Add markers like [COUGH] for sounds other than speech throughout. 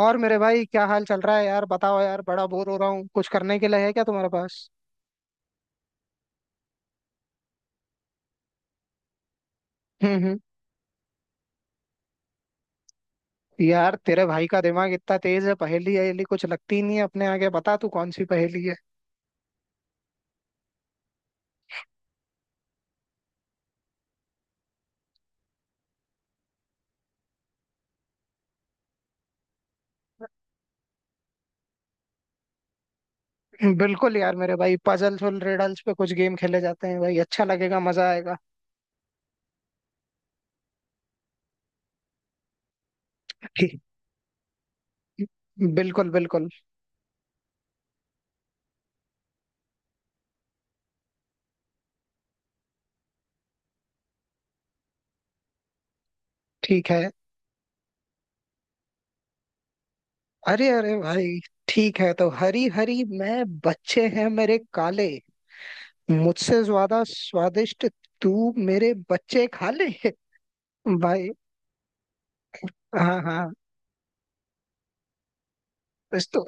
और मेरे भाई क्या हाल चल रहा है यार। बताओ यार, बड़ा बोर हो रहा हूँ। कुछ करने के लिए है क्या तुम्हारे पास। हम्म। यार तेरे भाई का दिमाग इतना तेज है, पहेली अहेली कुछ लगती ही नहीं है अपने आगे। बता तू कौन सी पहेली है। [LAUGHS] बिल्कुल यार मेरे भाई, पजल्स और रिडल्स पे कुछ गेम खेले जाते हैं भाई, अच्छा लगेगा, मजा आएगा। [LAUGHS] ठीक- बिल्कुल बिल्कुल। ठीक है। अरे अरे भाई, ठीक है। तो हरी हरी मैं बच्चे हैं मेरे काले, मुझसे ज्यादा स्वादिष्ट तू मेरे बच्चे खा ले। [LAUGHS] भाई, हाँ हाँ। इस तो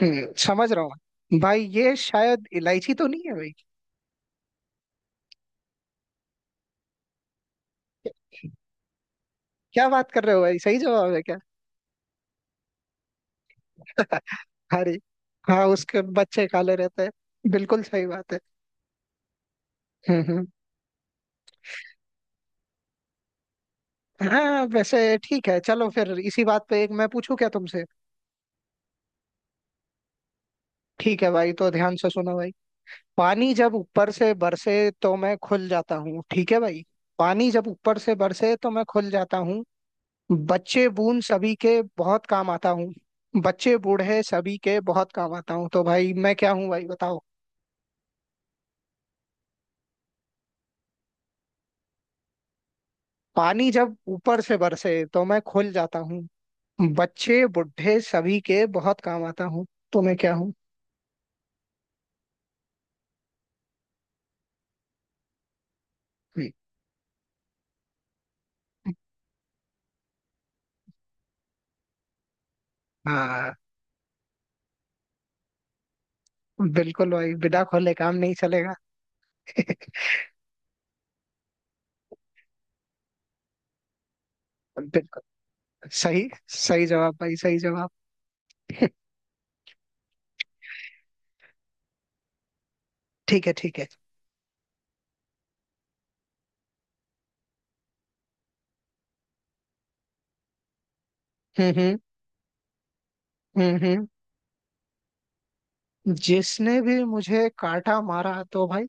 समझ रहा हूँ भाई, ये शायद इलायची तो नहीं है भाई। क्या बात कर रहे हो भाई, सही जवाब है क्या। [LAUGHS] अरे, हाँ उसके बच्चे काले रहते हैं, बिल्कुल सही बात है। हम्म हम्म। हाँ वैसे ठीक है, चलो फिर इसी बात पे एक मैं पूछूं क्या तुमसे। ठीक है भाई, तो ध्यान से सुनो भाई। पानी जब ऊपर से बरसे तो मैं खुल जाता हूँ, ठीक है भाई। पानी जब ऊपर से बरसे तो मैं खुल जाता हूँ, बच्चे बून सभी के बहुत काम आता हूँ, बच्चे बूढ़े सभी के बहुत काम आता हूँ। तो भाई मैं क्या हूँ भाई बताओ। पानी जब ऊपर से बरसे तो मैं खुल जाता हूँ, बच्चे बूढ़े सभी के बहुत काम आता हूँ। तो मैं क्या हूँ। हाँ, बिल्कुल भाई, बिना खोले काम नहीं चलेगा। [LAUGHS] बिल्कुल सही। सही जवाब भाई, सही जवाब। [LAUGHS] ठीक है ठीक है। हम्म हम्म। जिसने भी मुझे काटा मारा, तो भाई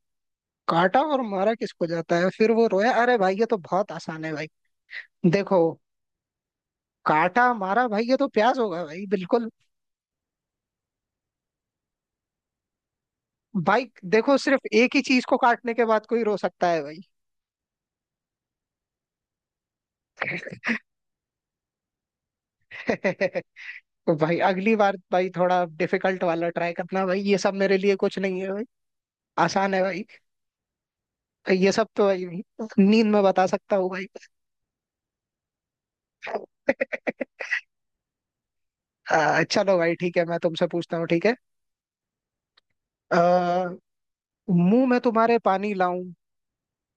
काटा और मारा किसको जाता है, फिर वो रोया, अरे भाई ये तो बहुत आसान है भाई। देखो, काटा मारा भाई, ये तो प्याज होगा भाई, बिल्कुल। भाई देखो, सिर्फ एक ही चीज को काटने के बाद कोई रो सकता है भाई। [LAUGHS] तो भाई अगली बार भाई थोड़ा डिफिकल्ट वाला ट्राई करना भाई, ये सब मेरे लिए कुछ नहीं है भाई। आसान है भाई। ये सब तो भाई नींद में बता सकता हूँ भाई। [LAUGHS] चलो भाई, ठीक है, मैं तुमसे पूछता हूँ, ठीक है। आ, मुंह में तुम्हारे पानी लाऊं,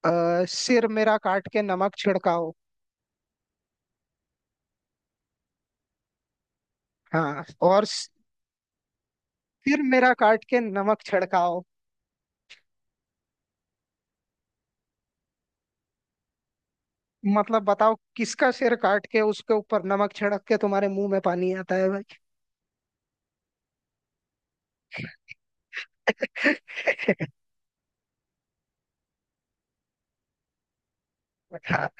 सिर मेरा काट के नमक छिड़काओ। हाँ और सिर मेरा काट के नमक छिड़काओ। मतलब बताओ, किसका सिर काट के उसके ऊपर नमक छिड़क के तुम्हारे मुंह में पानी आता है भाई। [LAUGHS] हाँ,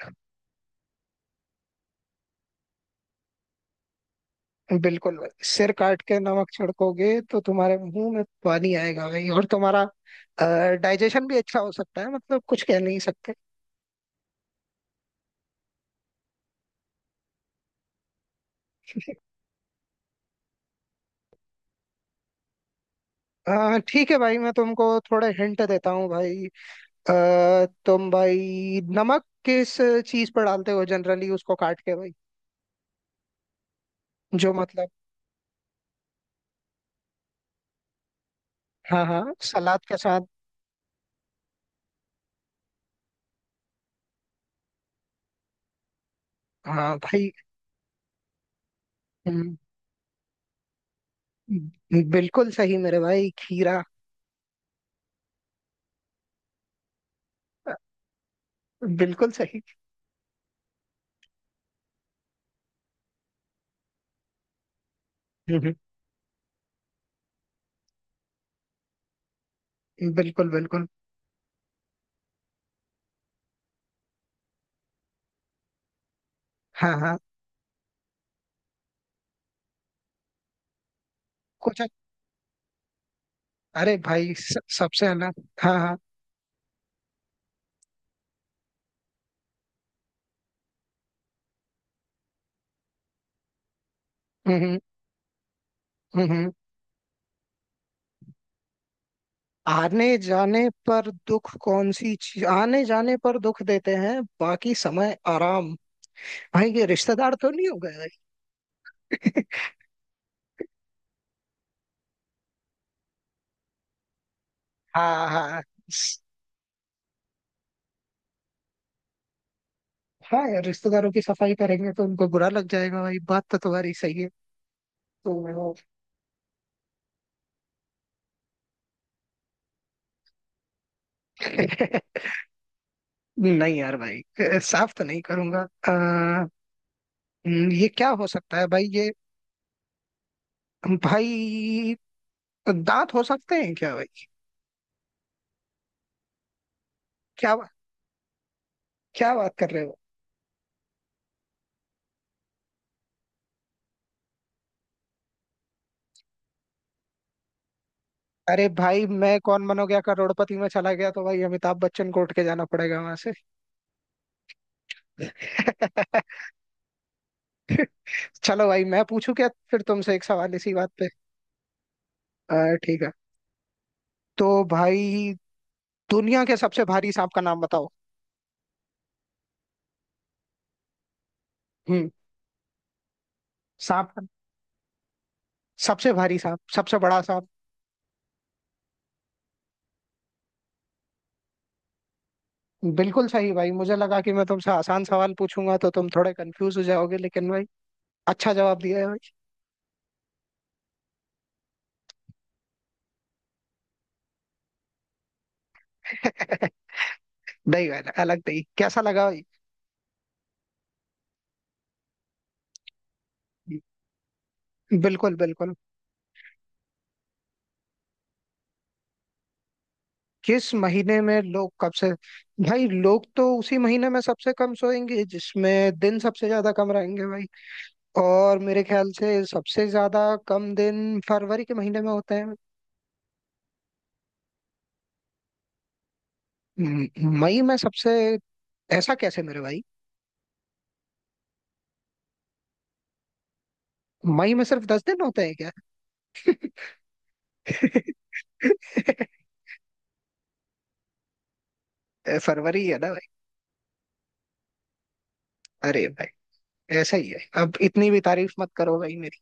बिल्कुल भाई, सिर काट के नमक छिड़कोगे तो तुम्हारे मुंह में पानी आएगा भाई, और तुम्हारा डाइजेशन भी अच्छा हो सकता है, मतलब कुछ कह नहीं सकते। ठीक है भाई, मैं तुमको थोड़े हिंट देता हूँ भाई। तुम भाई नमक किस चीज पर डालते हो जनरली, उसको काट के भाई, जो मतलब। हाँ हाँ, सलाद के साथ। हाँ भाई। हम्म, बिल्कुल सही मेरे भाई, खीरा। बिल्कुल सही। हम्म, बिल्कुल बिल्कुल। हाँ हाँ, कुछ, अरे भाई सबसे अलग, हाँ हाँ। हम्म। हम्म, हम्म, आने जाने पर दुख, कौन सी चीज आने जाने पर दुख देते हैं बाकी समय आराम। भाई ये रिश्तेदार तो नहीं हो गए भाई। [LAUGHS] हाँ हाँ। स- हाँ यार, रिश्तेदारों की सफाई करेंगे तो उनको बुरा लग जाएगा भाई, बात तो तुम्हारी सही है। तो [LAUGHS] नहीं यार भाई, साफ तो नहीं करूंगा। ये क्या हो सकता है भाई, ये भाई दांत हो सकते हैं क्या भाई। क्या, क्या बात कर रहे हो। अरे भाई, मैं कौन बनो गया करोड़पति में चला गया तो भाई अमिताभ बच्चन को उठ के जाना पड़ेगा वहां से। [LAUGHS] चलो भाई मैं पूछूं क्या फिर तुमसे एक सवाल इसी बात पे। ठीक है, तो भाई दुनिया के सबसे भारी सांप का नाम बताओ। हम्म। सांप का- सबसे भारी सांप, सबसे बड़ा सांप। बिल्कुल सही भाई, मुझे लगा कि मैं तुमसे आसान सवाल पूछूंगा तो तुम थोड़े कंफ्यूज हो जाओगे, लेकिन भाई अच्छा जवाब दिया है भाई। [LAUGHS] नहीं भाई, अलग नहीं, कैसा लगा भाई। बिल्कुल बिल्कुल। किस महीने में लोग कब से। भाई लोग तो उसी महीने में सबसे कम सोएंगे जिसमें दिन सबसे ज्यादा कम रहेंगे भाई। और मेरे ख्याल से सबसे ज्यादा कम दिन फरवरी के महीने में होते हैं। म- मई में सबसे? ऐसा कैसे मेरे भाई, मई में सिर्फ दस दिन होते हैं? क्या। [LAUGHS] फरवरी है। अरे भाई, ऐसा ही है, अब इतनी भी तारीफ मत करो भाई मेरी।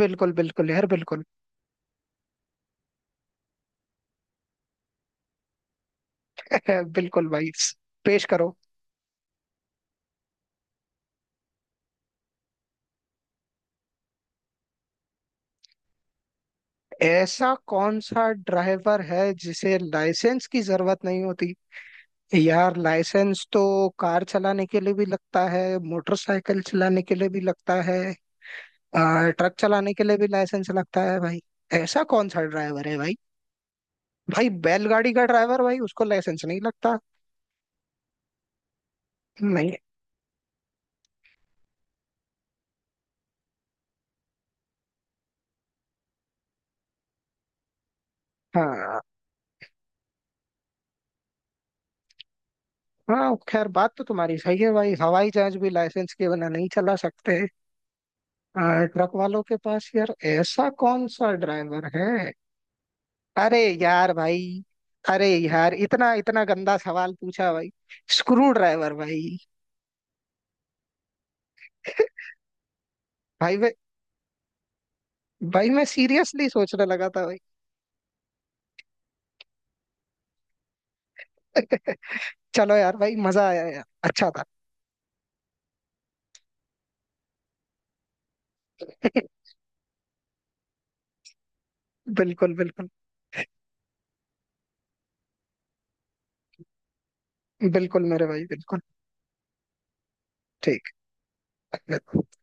बिल्कुल बिल्कुल यार, बिल्कुल। [LAUGHS] बिल्कुल भाई, पेश करो। ऐसा कौन सा ड्राइवर है जिसे लाइसेंस की जरूरत नहीं होती। यार लाइसेंस तो कार चलाने के लिए भी लगता है, मोटरसाइकिल चलाने के लिए भी लगता है, ट्रक चलाने के लिए भी लाइसेंस लगता है भाई। ऐसा कौन सा ड्राइवर है भाई। भाई बैलगाड़ी का ड्राइवर भाई, उसको लाइसेंस नहीं लगता। नहीं। हाँ हाँ, खैर बात तो तुम्हारी सही है भाई, हवाई जहाज भी लाइसेंस के बिना नहीं चला सकते। ट्रक वालों के पास, यार ऐसा कौन सा ड्राइवर है, अरे यार भाई। अरे यार इतना इतना गंदा सवाल पूछा भाई, स्क्रू ड्राइवर भाई। [LAUGHS] भाई मैं भाई मैं सीरियसली सोचने लगा था भाई। [LAUGHS] चलो यार भाई, मजा आया यार, अच्छा था। [LAUGHS] बिल्कुल बिल्कुल। बिल्कुल मेरे भाई बिल्कुल। ठीक